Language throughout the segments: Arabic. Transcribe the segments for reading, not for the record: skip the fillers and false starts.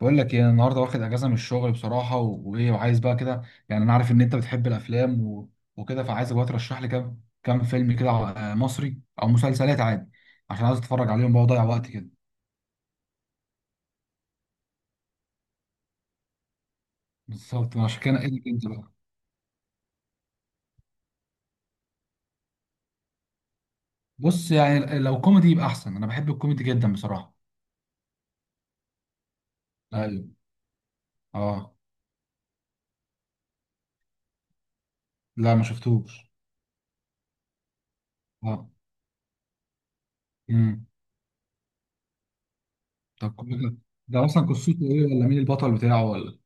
بقول لك ايه، انا النهارده واخد اجازه من الشغل بصراحه و- وايه وعايز بقى كده. يعني انا عارف ان انت بتحب الافلام و... وكده، فعايزك بقى ترشح لي كام فيلم كده، مصري او مسلسلات عادي. عشان عايز اتفرج عليهم بقى وأضيع وقت كده. بالظبط، ما عشان كده نقلت انت بقى. بص، يعني لو كوميدي يبقى احسن، انا بحب الكوميدي جدا بصراحه. ايوه. اه. لا، ما شفتوش. اه. امم. طب كوميدي، ده اصلا قصته ايه، ولا مين البطل بتاعه، ولا؟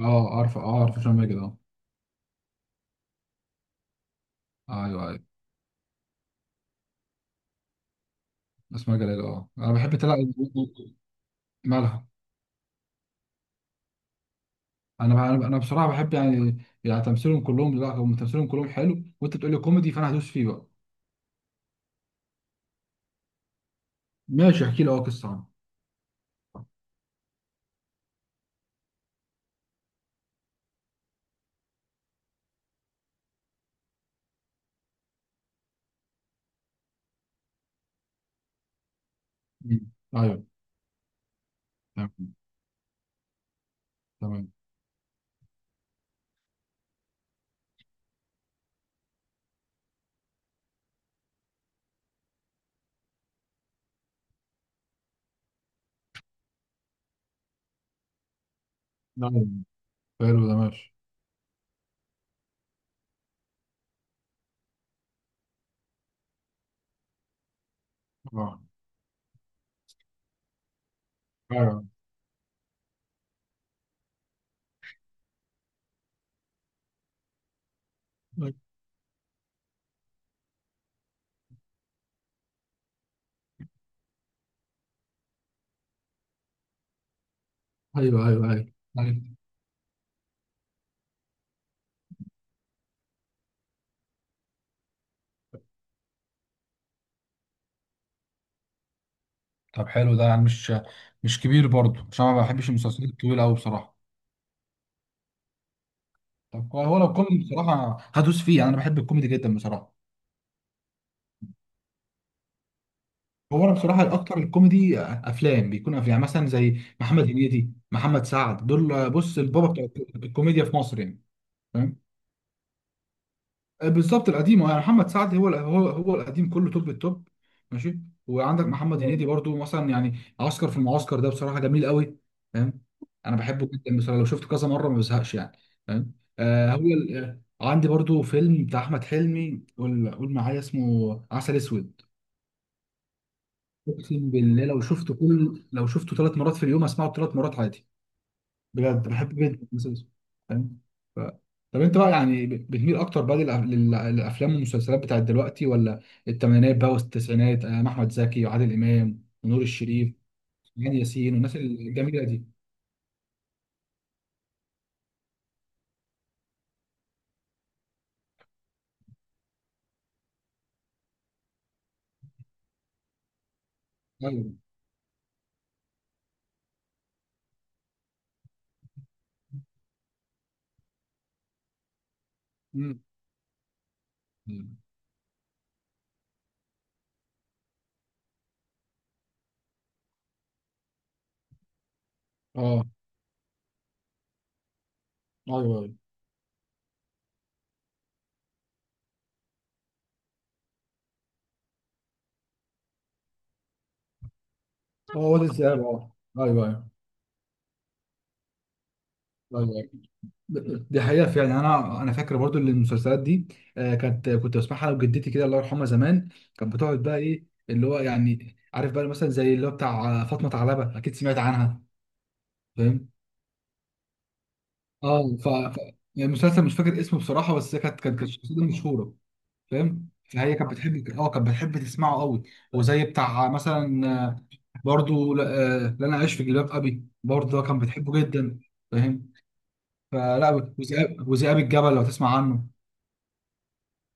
اه، عارفه هشام ماجد، اه. ايوه، ايوه. اسماء جلال، اه، انا بحب تلعب. مالها. انا انا أنا بصراحه بحب، يعني تمثيلهم كلهم، لا، هم تمثيلهم كلهم حلو، وانت بتقول لي كوميدي، فانا هدوس فيه بقى. ماشي، احكي لي، اه، قصه عنه. مم. ايوه. تمام. تمام. نعم. حلو ده، ماشي. اه. ايوه، ايوه، ايوه، ايوه. أيوة. طب حلو، ده يعني مش كبير برضه، عشان أنا ما بحبش المسلسلات الطويله قوي بصراحه. طب هو لو كوميدي، بصراحه هدوس فيه، يعني انا بحب الكوميدي جدا بصراحه. هو انا بصراحه، الاكتر الكوميدي افلام بيكون افلام، يعني مثلا زي محمد هنيدي، محمد سعد، دول بص البابا بتاع الكوميديا في مصر يعني. فاهم؟ بالظبط القديم، يعني محمد سعد، هو القديم كله، توب التوب. ماشي. وعندك محمد هنيدي برضو، مثلا يعني عسكر في المعسكر، ده بصراحه جميل قوي. فاهم؟ انا بحبه جدا بصراحه، لو شفته كذا مره ما بزهقش يعني. فاهم؟ آه هو ال- آه، عندي برضو فيلم بتاع احمد حلمي، قول قول معايا، اسمه عسل اسود. اقسم بالله، لو شفته 3 مرات في اليوم اسمعه 3 مرات عادي. بجد بحب جدا المسلسل ده. فاهم؟ ف... طب انت بقى، يعني بتميل اكتر بقى للافلام والمسلسلات بتاعت دلوقتي، ولا الثمانينات بقى والتسعينات؟ احمد زكي وعادل امام ونور الشريف وهاني ياسين والناس الجميله دي. ايوه. أمم. اه، ايوه، ايوه. اه، وادي الدجال، اه. ايوه، ايوه، ايوه. دي حقيقة فعلا. أنا فاكر برضو إن المسلسلات دي آه، كانت كنت بسمعها وجدتي كده، الله يرحمها زمان. كانت بتقعد بقى، إيه اللي هو، يعني عارف بقى، مثلا زي اللي هو بتاع فاطمة علبة، أكيد سمعت عنها. فاهم؟ أه. يعني المسلسل مش فاكر اسمه بصراحة، بس هي كانت الشخصية دي مشهورة. فاهم؟ فهي كانت بتحب تسمعه قوي. وزي بتاع مثلا، برضو لا، لا، أنا عايش في جلباب أبي برضو كان بتحبه جدا. فاهم؟ فلا. وذئاب الجبل لو تسمع عنه.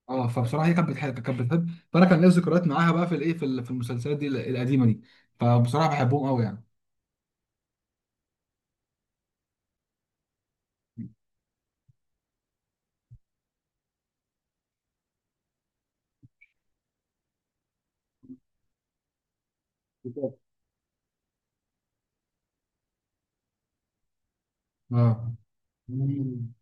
اه، فبصراحه هي كانت بتحب، فانا كان ليا ذكريات معاها بقى في الايه، في المسلسلات دي القديمه دي. فبصراحه بحبهم قوي يعني. بالظبط. اه. مم.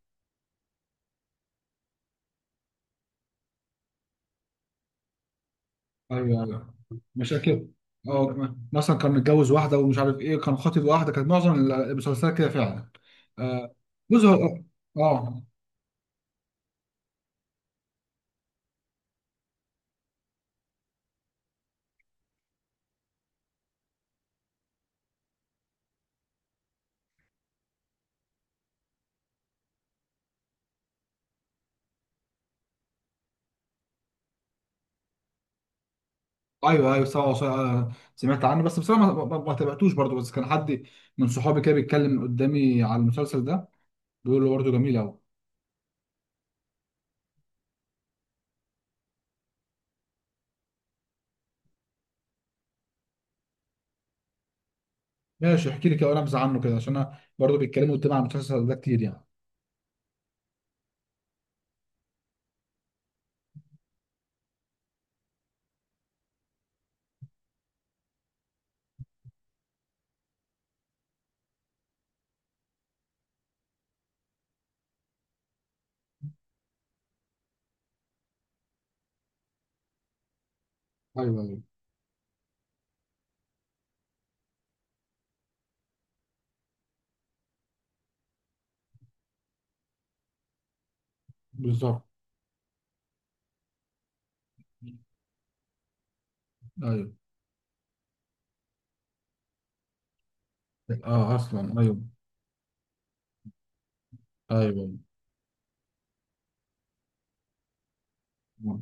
ايوه، ايوه، مشاكل، اه كمان. مثلا كان متجوز واحده ومش عارف ايه، كان خاطب واحده، كانت معظم المسلسلات كده فعلا. آه بص هو. اه. ايوه، ايوه، سوا سوا. سمعت عنه، بس بصراحه ما تابعتوش برضه، بس كان حد من صحابي كده بيتكلم قدامي على المسلسل ده، بيقول له برضه جميل قوي. ماشي، احكي لي كده وانا نبذه عنه كده، عشان انا برضه بيتكلموا قدامي عن المسلسل ده كتير يعني. ايوه، ايوه، بالظبط. ايوه. اه اصلا، ايوه، ايوه. آه.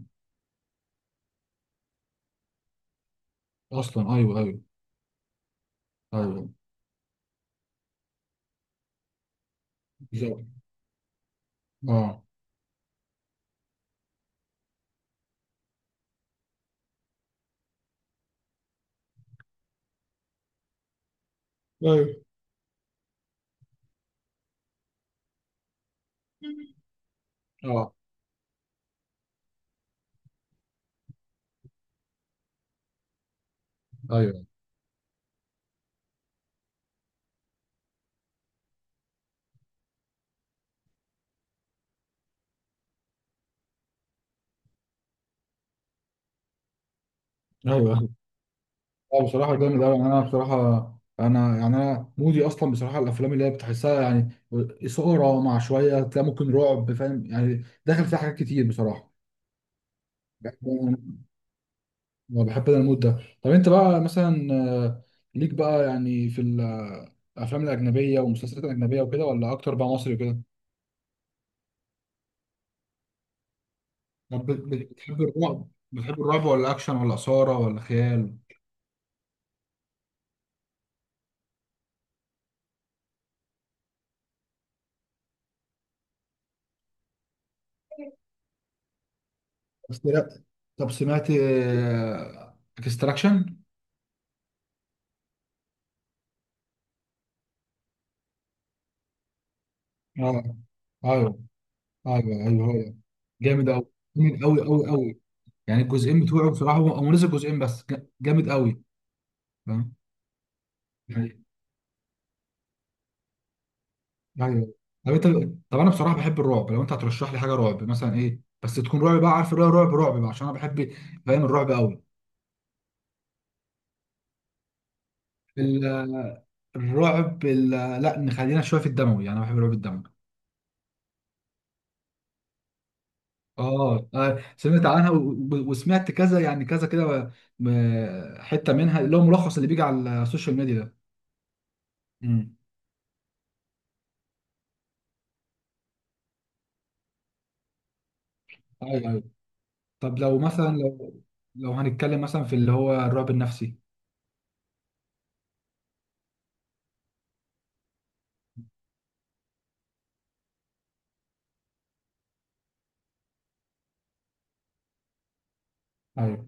اصلا، ايوه، ايوه، ايوه، بالظبط. اه. ايوه. اه، ايوه، ايوه. اه، بصراحه جامد قوي، انا بصراحه انا مودي اصلا بصراحه، الافلام اللي هي بتحسها يعني اثاره، مع شويه تلاقي ممكن رعب، فاهم يعني، داخل فيها حاجات كتير بصراحه. أنا بحب انا المود ده. طب انت بقى مثلا، آه، ليك بقى يعني في ال- آه، الافلام الاجنبيه والمسلسلات الاجنبيه وكده، ولا اكتر بقى مصري وكده؟ طب بتحب الرعب، بتحب الرعب، ولا اكشن، ولا اثاره، ولا خيال؟ بس لا. طب سمعت اكستراكشن؟ اه، ايوه، ايوه، ايوه، هو ده. جامد قوي، جامد قوي قوي قوي. يعني الجزئين بتوعه بصراحه، هو نزل جزئين بس، جامد قوي. فاهم؟ ايوه. طب انت طب انا بصراحه بحب الرعب، لو انت هترشح لي حاجه رعب مثلا ايه، بس تكون رعب بقى، عارف الرعب، رعب رعب بقى، عشان انا بحب. فاهم؟ الرعب قوي. ال- الرعب ال- لا، نخلينا شويه في الدموي، يعني انا بحب الرعب الدموي. اه. سمعت عنها و- و- وسمعت كذا يعني كذا كده، حته منها اللي هو ملخص اللي بيجي على السوشيال ميديا ده. امم. ايوه، ايوه. طب لو مثلا، لو لو هنتكلم مثلا في اللي هو الرعب النفسي. ايوه.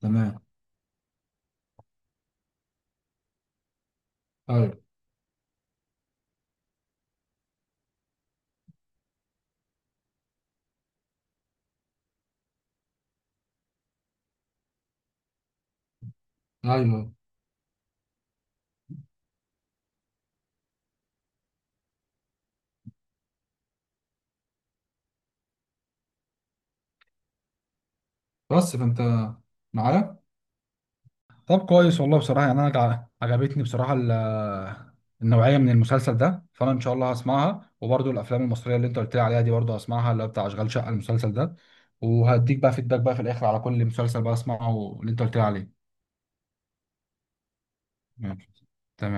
تمام. ايوه، ايوه، بس فانت معايا. طب كويس والله، بصراحة يعني أنا عجبتني بصراحة النوعية من المسلسل ده، فأنا إن شاء الله هسمعها، وبرضو الأفلام المصرية اللي أنت قلت لي عليها دي برضو هسمعها، اللي هو بتاع أشغال شقة المسلسل ده. وهديك بقى فيدباك بقى في الآخر على كل مسلسل بقى أسمعه اللي أنت قلت لي عليه. ماشي. تمام